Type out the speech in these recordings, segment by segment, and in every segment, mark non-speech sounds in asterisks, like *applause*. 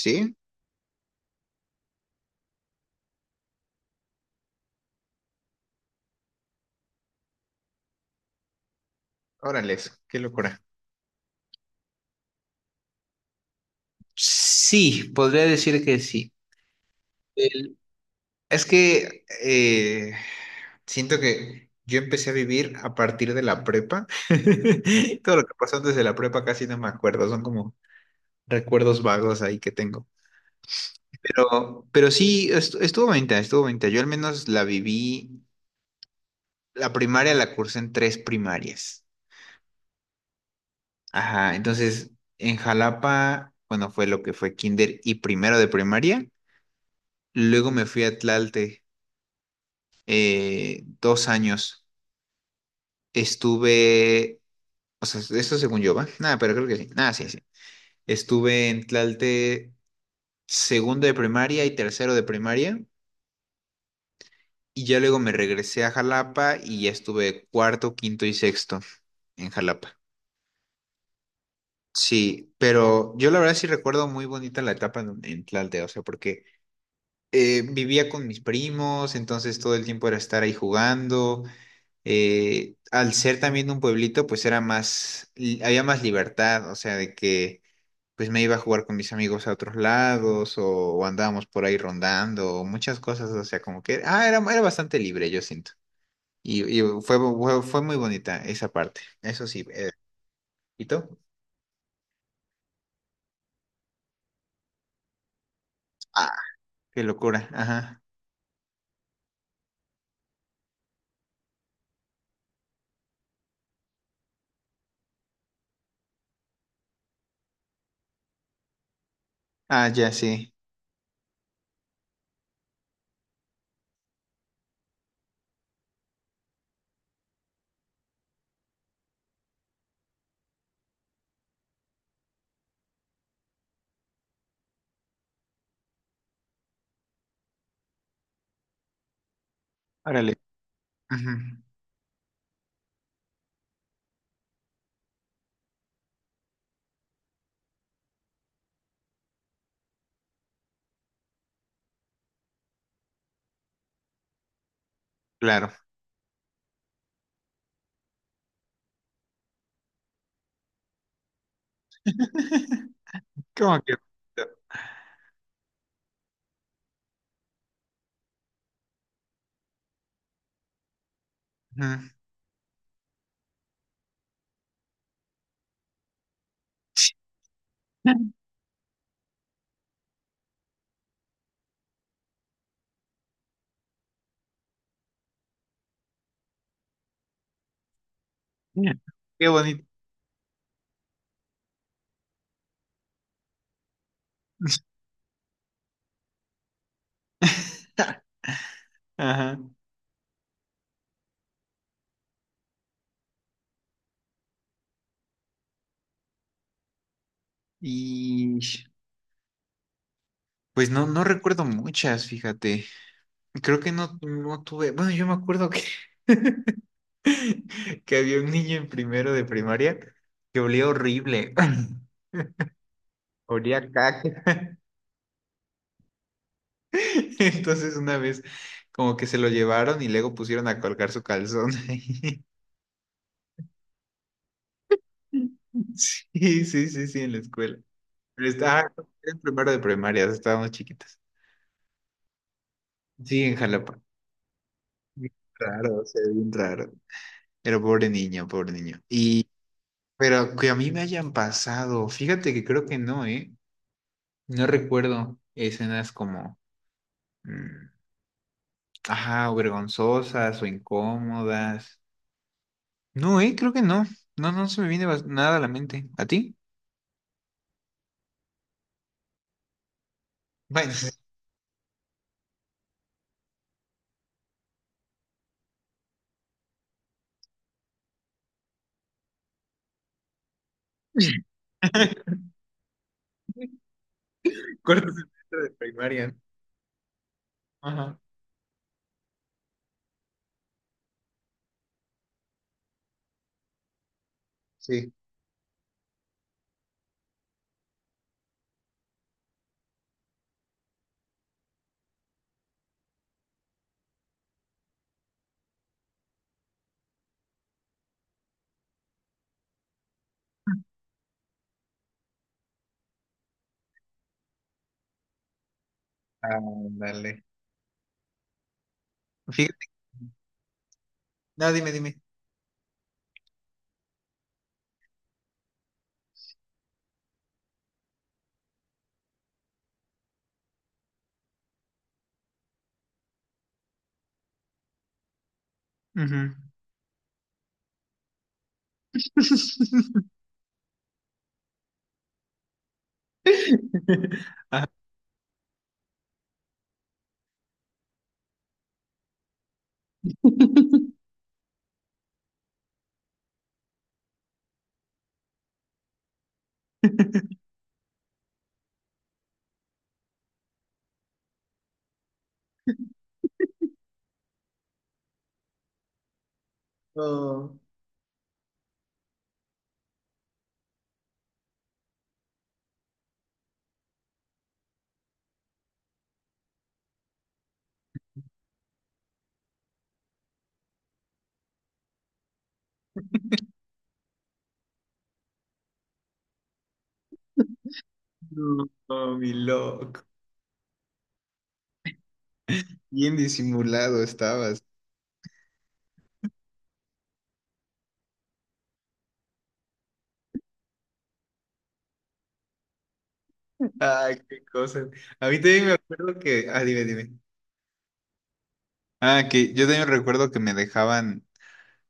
Sí, órale, qué locura. Sí, podría decir que sí. El- Es que Siento que yo empecé a vivir a partir de la prepa. *laughs* Todo lo que pasó antes de la prepa casi no me acuerdo, son como recuerdos vagos ahí que tengo. Pero sí, estuvo bonita. Yo al menos la viví, la primaria la cursé en tres primarias. Ajá, entonces en Jalapa, bueno, fue lo que fue kinder y primero de primaria. Luego me fui a Tlalte dos años. Estuve, o sea, eso según yo, ¿va? Nada, pero creo que sí. Nada, sí, sí. Estuve en Tlalte segundo de primaria y tercero de primaria. Y ya luego me regresé a Jalapa y ya estuve cuarto, quinto y sexto en Jalapa. Sí, pero yo la verdad sí recuerdo muy bonita la etapa en Tlalte, o sea, porque vivía con mis primos, entonces todo el tiempo era estar ahí jugando. Al ser también un pueblito, pues era más, había más libertad, o sea, de que pues me iba a jugar con mis amigos a otros lados o andábamos por ahí rondando, o muchas cosas, o sea, como que, ah, era bastante libre, yo siento. Y fue muy bonita esa parte, eso sí. ¿Y tú? Ah, qué locura, ajá. Ah, ya, sí. Órale. Ujú. Claro. *laughs* ¿Cómo que bonito? Ujú. *laughs* Qué bonito. *laughs* Ajá. Y pues no, no recuerdo muchas, fíjate. Creo que no, no tuve. Bueno, yo me acuerdo que, *laughs* que había un niño en primero de primaria que olía horrible. *clears throat* *laughs* Olía a caca. *laughs* Entonces una vez como que se lo llevaron y luego pusieron a colgar su calzón ahí. *laughs* Sí, sí, sí, sí, en la escuela. Pero estaba en primero de primaria, estábamos chiquitas. Sí, en Jalapa. Bien raro, o sea, bien raro. Pero pobre niño, pobre niño. Pero que a mí me hayan pasado, fíjate que creo que no, ¿eh? No recuerdo escenas como, mm, ajá, o vergonzosas o incómodas. No, ¿eh? Creo que no. No, no se me viene nada a la mente. ¿A ti? Bueno, *laughs* cuarto semestre de primaria. Ajá, sí. Ándale. Fíjate. No, dime, dime. Ujú. *laughs* No, no, no, mi loco. Bien disimulado estabas. Ay, qué cosas. A mí también me acuerdo que. Ah, dime, dime. Ah, que yo también recuerdo que me dejaban.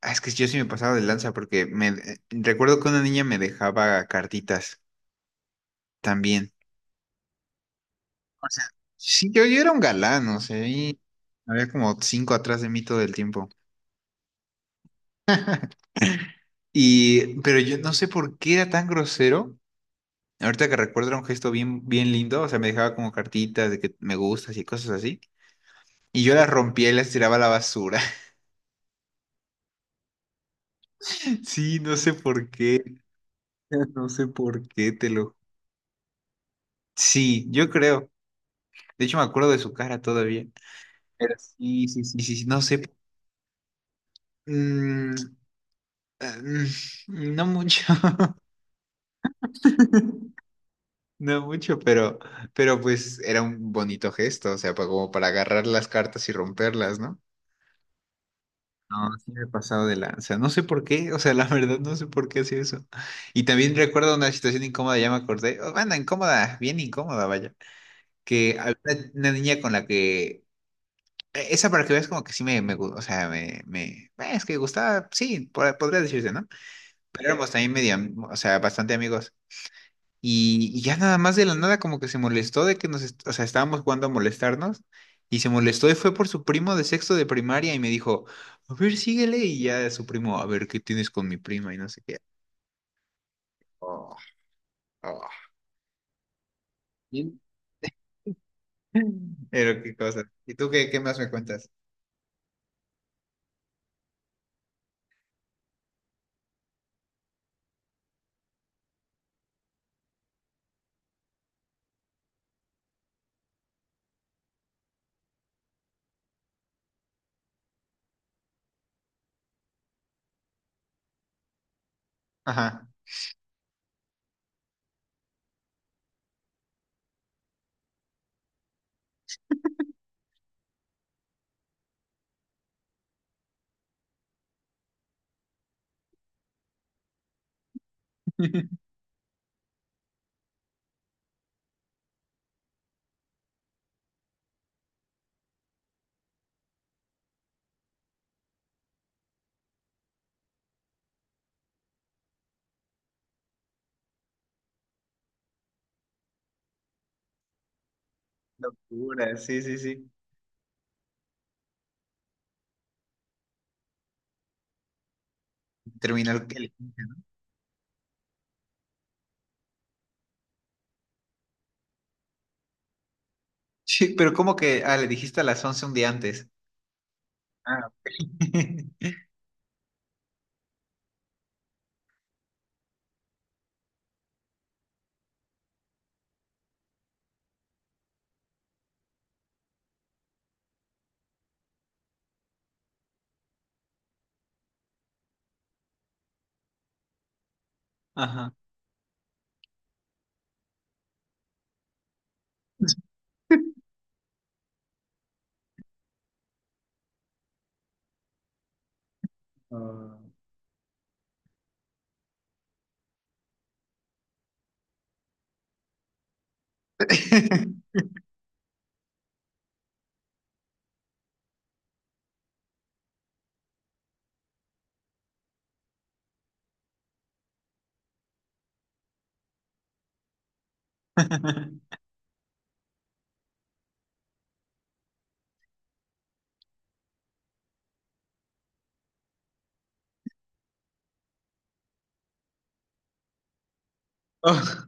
Ah, es que yo sí me pasaba de lanza porque me recuerdo que una niña me dejaba cartitas también. Sí, yo era un galán, o sea, y había como cinco atrás de mí todo el tiempo. Y, pero yo no sé por qué era tan grosero. Ahorita que recuerdo era un gesto bien, bien lindo, o sea, me dejaba como cartitas de que me gustas y cosas así. Y yo las rompía y las tiraba a la basura. *laughs* Sí, no sé por qué. No sé por qué te lo... Sí, yo creo. De hecho, me acuerdo de su cara todavía. Pero sí, sí, sí, sí, sí, no sé. Mm, no mucho. *laughs* No mucho, pero pues era un bonito gesto, o sea, como para agarrar las cartas y romperlas, ¿no? No, sí me he pasado de lanza. No sé por qué, o sea, la verdad no sé por qué hacía eso. Y también recuerdo una situación incómoda, ya me acordé. Oh, bueno, incómoda, bien incómoda, vaya. Que había una niña con la que esa para que veas como que sí o sea, es que gustaba, sí, podría decirse, ¿no? Pero éramos también medio, o sea, bastante amigos. Y ya nada más de la nada como que se molestó de que o sea, estábamos jugando a molestarnos y se molestó y fue por su primo de sexto de primaria y me dijo, a ver, síguele y ya su primo, a ver, ¿qué tienes con mi prima? Y no sé qué. Oh, oh. Bien. *laughs* Pero qué cosa. ¿Y tú qué más me cuentas? Ajá. *laughs* Locura, sí, sí, sí. Terminó el sí, pero como que, ah, le dijiste a las 11 un día antes. Ah, ok. *laughs* Ajá. Ah. *laughs* Oh,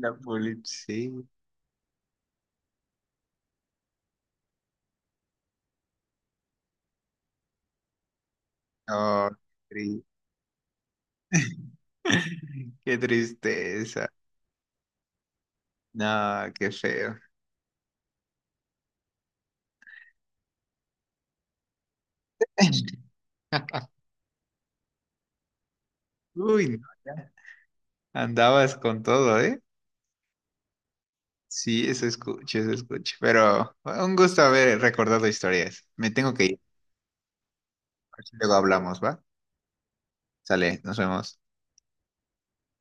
la polipsia. Ah, sí. *laughs* Qué tristeza. No, qué feo. *laughs* Uy, no, ya. Andabas con todo, ¿eh? Sí, eso escucho, eso escucho. Pero bueno, un gusto haber recordado historias. Me tengo que ir. A ver si luego hablamos, ¿va? Sale, nos vemos.